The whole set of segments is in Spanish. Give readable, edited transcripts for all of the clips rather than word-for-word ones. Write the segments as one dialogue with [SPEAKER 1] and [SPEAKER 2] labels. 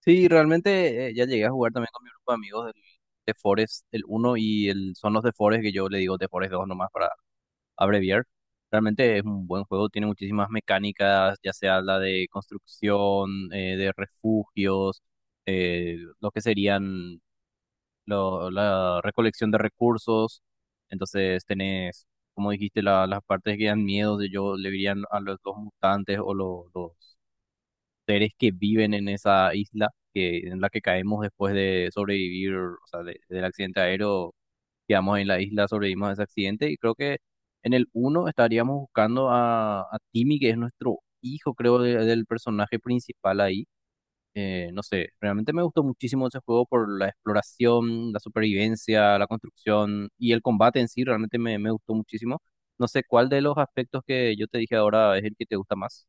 [SPEAKER 1] Sí, realmente ya llegué a jugar también con mi grupo de amigos de Forest, el uno y el, son los de Forest que yo le digo de Forest 2 nomás para abreviar. Realmente es un buen juego, tiene muchísimas mecánicas, ya sea la de construcción, de refugios, lo que serían la recolección de recursos. Entonces tenés, como dijiste, las partes que dan miedo, de yo le dirían a los mutantes o los seres que viven en esa isla que, en la que caemos después de sobrevivir, o sea, del accidente aéreo, quedamos en la isla, sobrevivimos a ese accidente y creo que en el uno estaríamos buscando a Timmy, que es nuestro hijo, creo, del personaje principal ahí. No sé, realmente me gustó muchísimo ese juego por la exploración, la supervivencia, la construcción y el combate en sí, realmente me gustó muchísimo. No sé cuál de los aspectos que yo te dije ahora es el que te gusta más.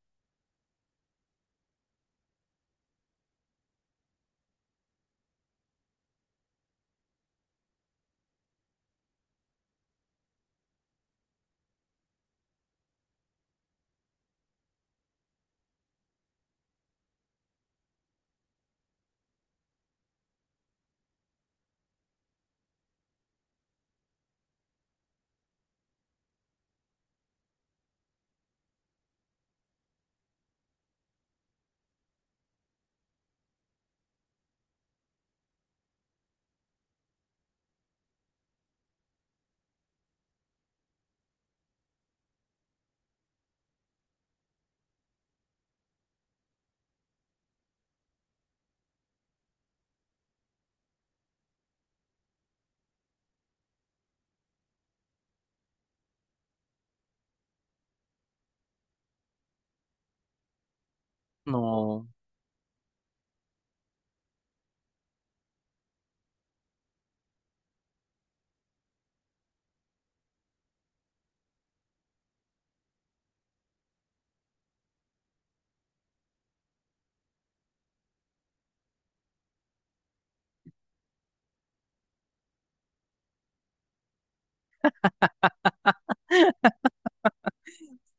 [SPEAKER 1] No.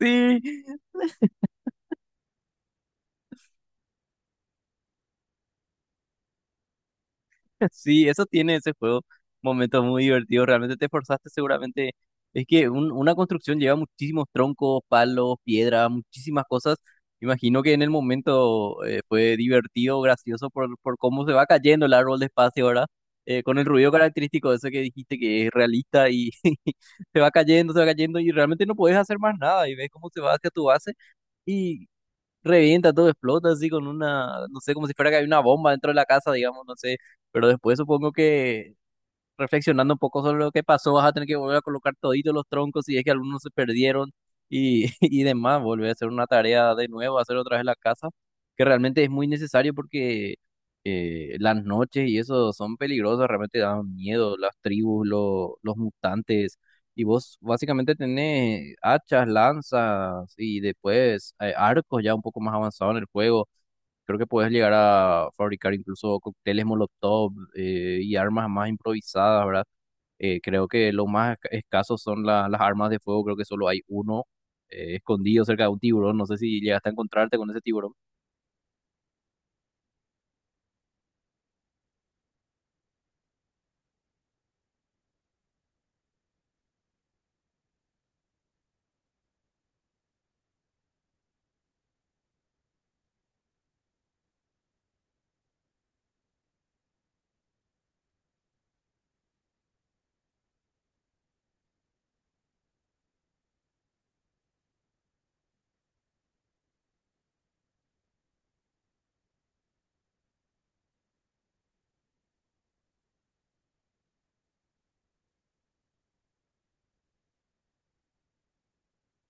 [SPEAKER 1] Sí, Sí, eso tiene ese juego, momentos muy divertidos, realmente te esforzaste seguramente. Es que una construcción lleva muchísimos troncos, palos, piedra, muchísimas cosas. Imagino que en el momento fue divertido, gracioso por cómo se va cayendo el árbol despacio ahora, con el ruido característico de ese que dijiste que es realista y se va cayendo y realmente no puedes hacer más nada y ves cómo se va hacia tu base revienta, todo explota así con una, no sé, como si fuera que hay una bomba dentro de la casa, digamos, no sé, pero después supongo que reflexionando un poco sobre lo que pasó, vas a tener que volver a colocar toditos los troncos si es que algunos se perdieron y, y demás, volver a hacer una tarea de nuevo, hacer otra vez la casa, que realmente es muy necesario porque las noches y eso son peligrosas, realmente dan miedo las tribus, los mutantes, y vos básicamente tenés hachas, lanzas y después arcos ya un poco más avanzados en el juego. Creo que puedes llegar a fabricar incluso cócteles Molotov y armas más improvisadas, ¿verdad? Creo que lo más escaso son las armas de fuego, creo que solo hay uno escondido cerca de un tiburón, no sé si llegaste a encontrarte con ese tiburón.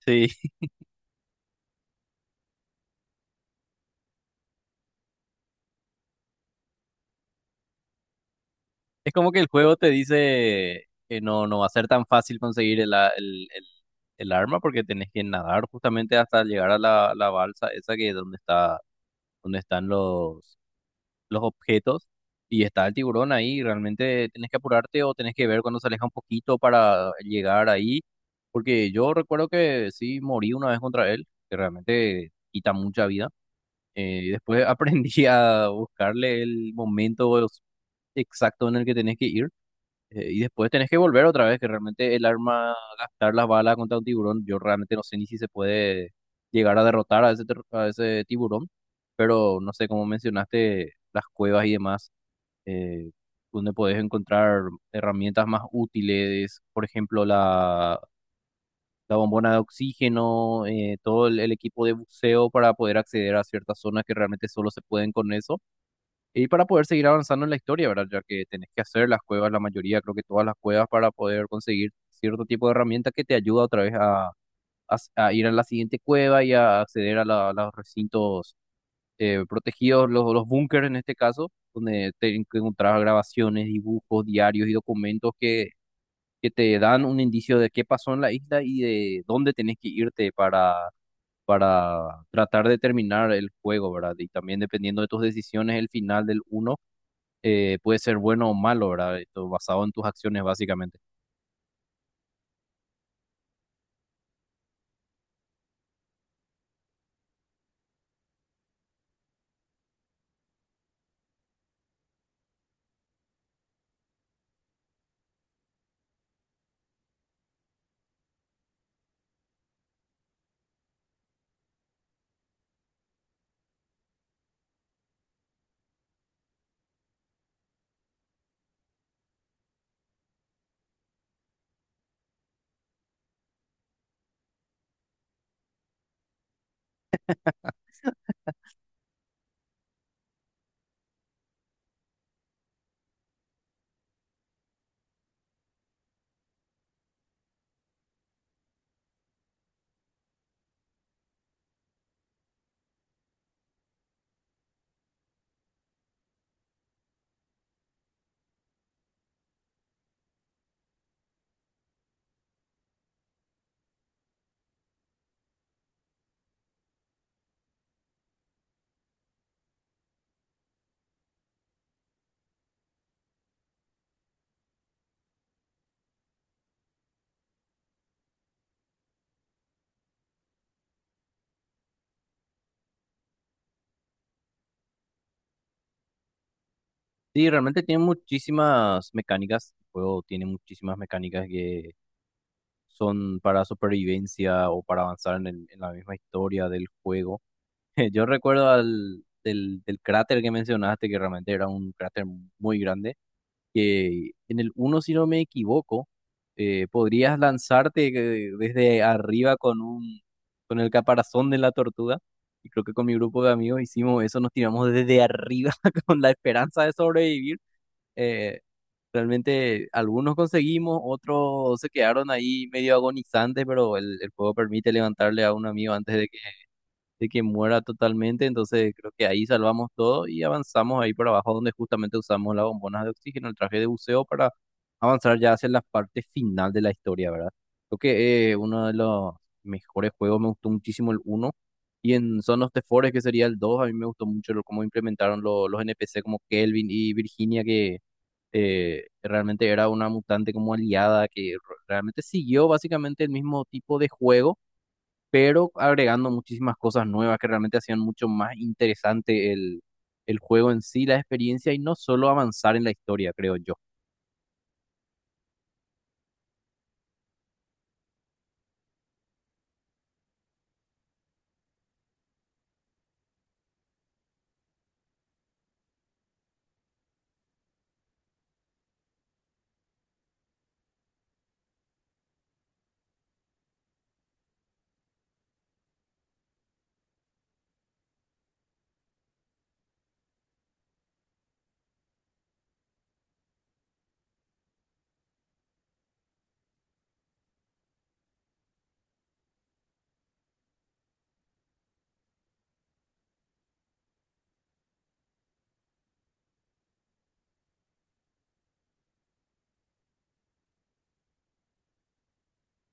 [SPEAKER 1] Sí, es como que el juego te dice que no, no va a ser tan fácil conseguir el el arma porque tenés que nadar justamente hasta llegar a la balsa esa que es donde está, donde están los objetos y está el tiburón ahí. Realmente tenés que apurarte o tenés que ver cuando se aleja un poquito para llegar ahí. Porque yo recuerdo que sí morí una vez contra él, que realmente quita mucha vida. Y después aprendí a buscarle el momento exacto en el que tenés que ir. Y después tenés que volver otra vez, que realmente el arma, gastar las balas contra un tiburón, yo realmente no sé ni si se puede llegar a derrotar a ese tiburón, pero no sé, como mencionaste, las cuevas y demás, eh, donde podés encontrar herramientas más útiles, por ejemplo, la bombona de oxígeno, todo el equipo de buceo para poder acceder a ciertas zonas que realmente solo se pueden con eso. Y para poder seguir avanzando en la historia, ¿verdad? Ya que tenés que hacer las cuevas, la mayoría, creo que todas las cuevas, para poder conseguir cierto tipo de herramienta que te ayuda otra vez a, a ir a la siguiente cueva y a acceder a a los recintos protegidos, los búnkers en este caso, donde te encontrás grabaciones, dibujos, diarios y documentos que te dan un indicio de qué pasó en la isla y de dónde tenés que irte para tratar de terminar el juego, ¿verdad? Y también dependiendo de tus decisiones, el final del uno puede ser bueno o malo, ¿verdad? Esto basado en tus acciones, básicamente. Sí, realmente tiene muchísimas mecánicas. El juego tiene muchísimas mecánicas que son para supervivencia o para avanzar en, en la misma historia del juego. Yo recuerdo del cráter que mencionaste, que realmente era un cráter muy grande que en el uno si no me equivoco, podrías lanzarte desde arriba con con el caparazón de la tortuga. Y creo que con mi grupo de amigos hicimos eso, nos tiramos desde arriba con la esperanza de sobrevivir. Eh, Realmente algunos conseguimos, otros se quedaron ahí medio agonizantes, pero el juego permite levantarle a un amigo antes de que muera totalmente, entonces creo que ahí salvamos todo y avanzamos ahí por abajo donde justamente usamos las bombonas de oxígeno, el traje de buceo para avanzar ya hacia la parte final de la historia, ¿verdad? Creo que uno de los mejores juegos, me gustó muchísimo el uno y en Son of the Forest, que sería el dos, a mí me gustó mucho cómo implementaron los NPC como Kelvin y Virginia que realmente era una mutante como aliada que realmente siguió básicamente el mismo tipo de juego pero agregando muchísimas cosas nuevas que realmente hacían mucho más interesante el juego en sí, la experiencia y no solo avanzar en la historia, creo yo.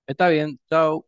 [SPEAKER 1] Está bien, chao.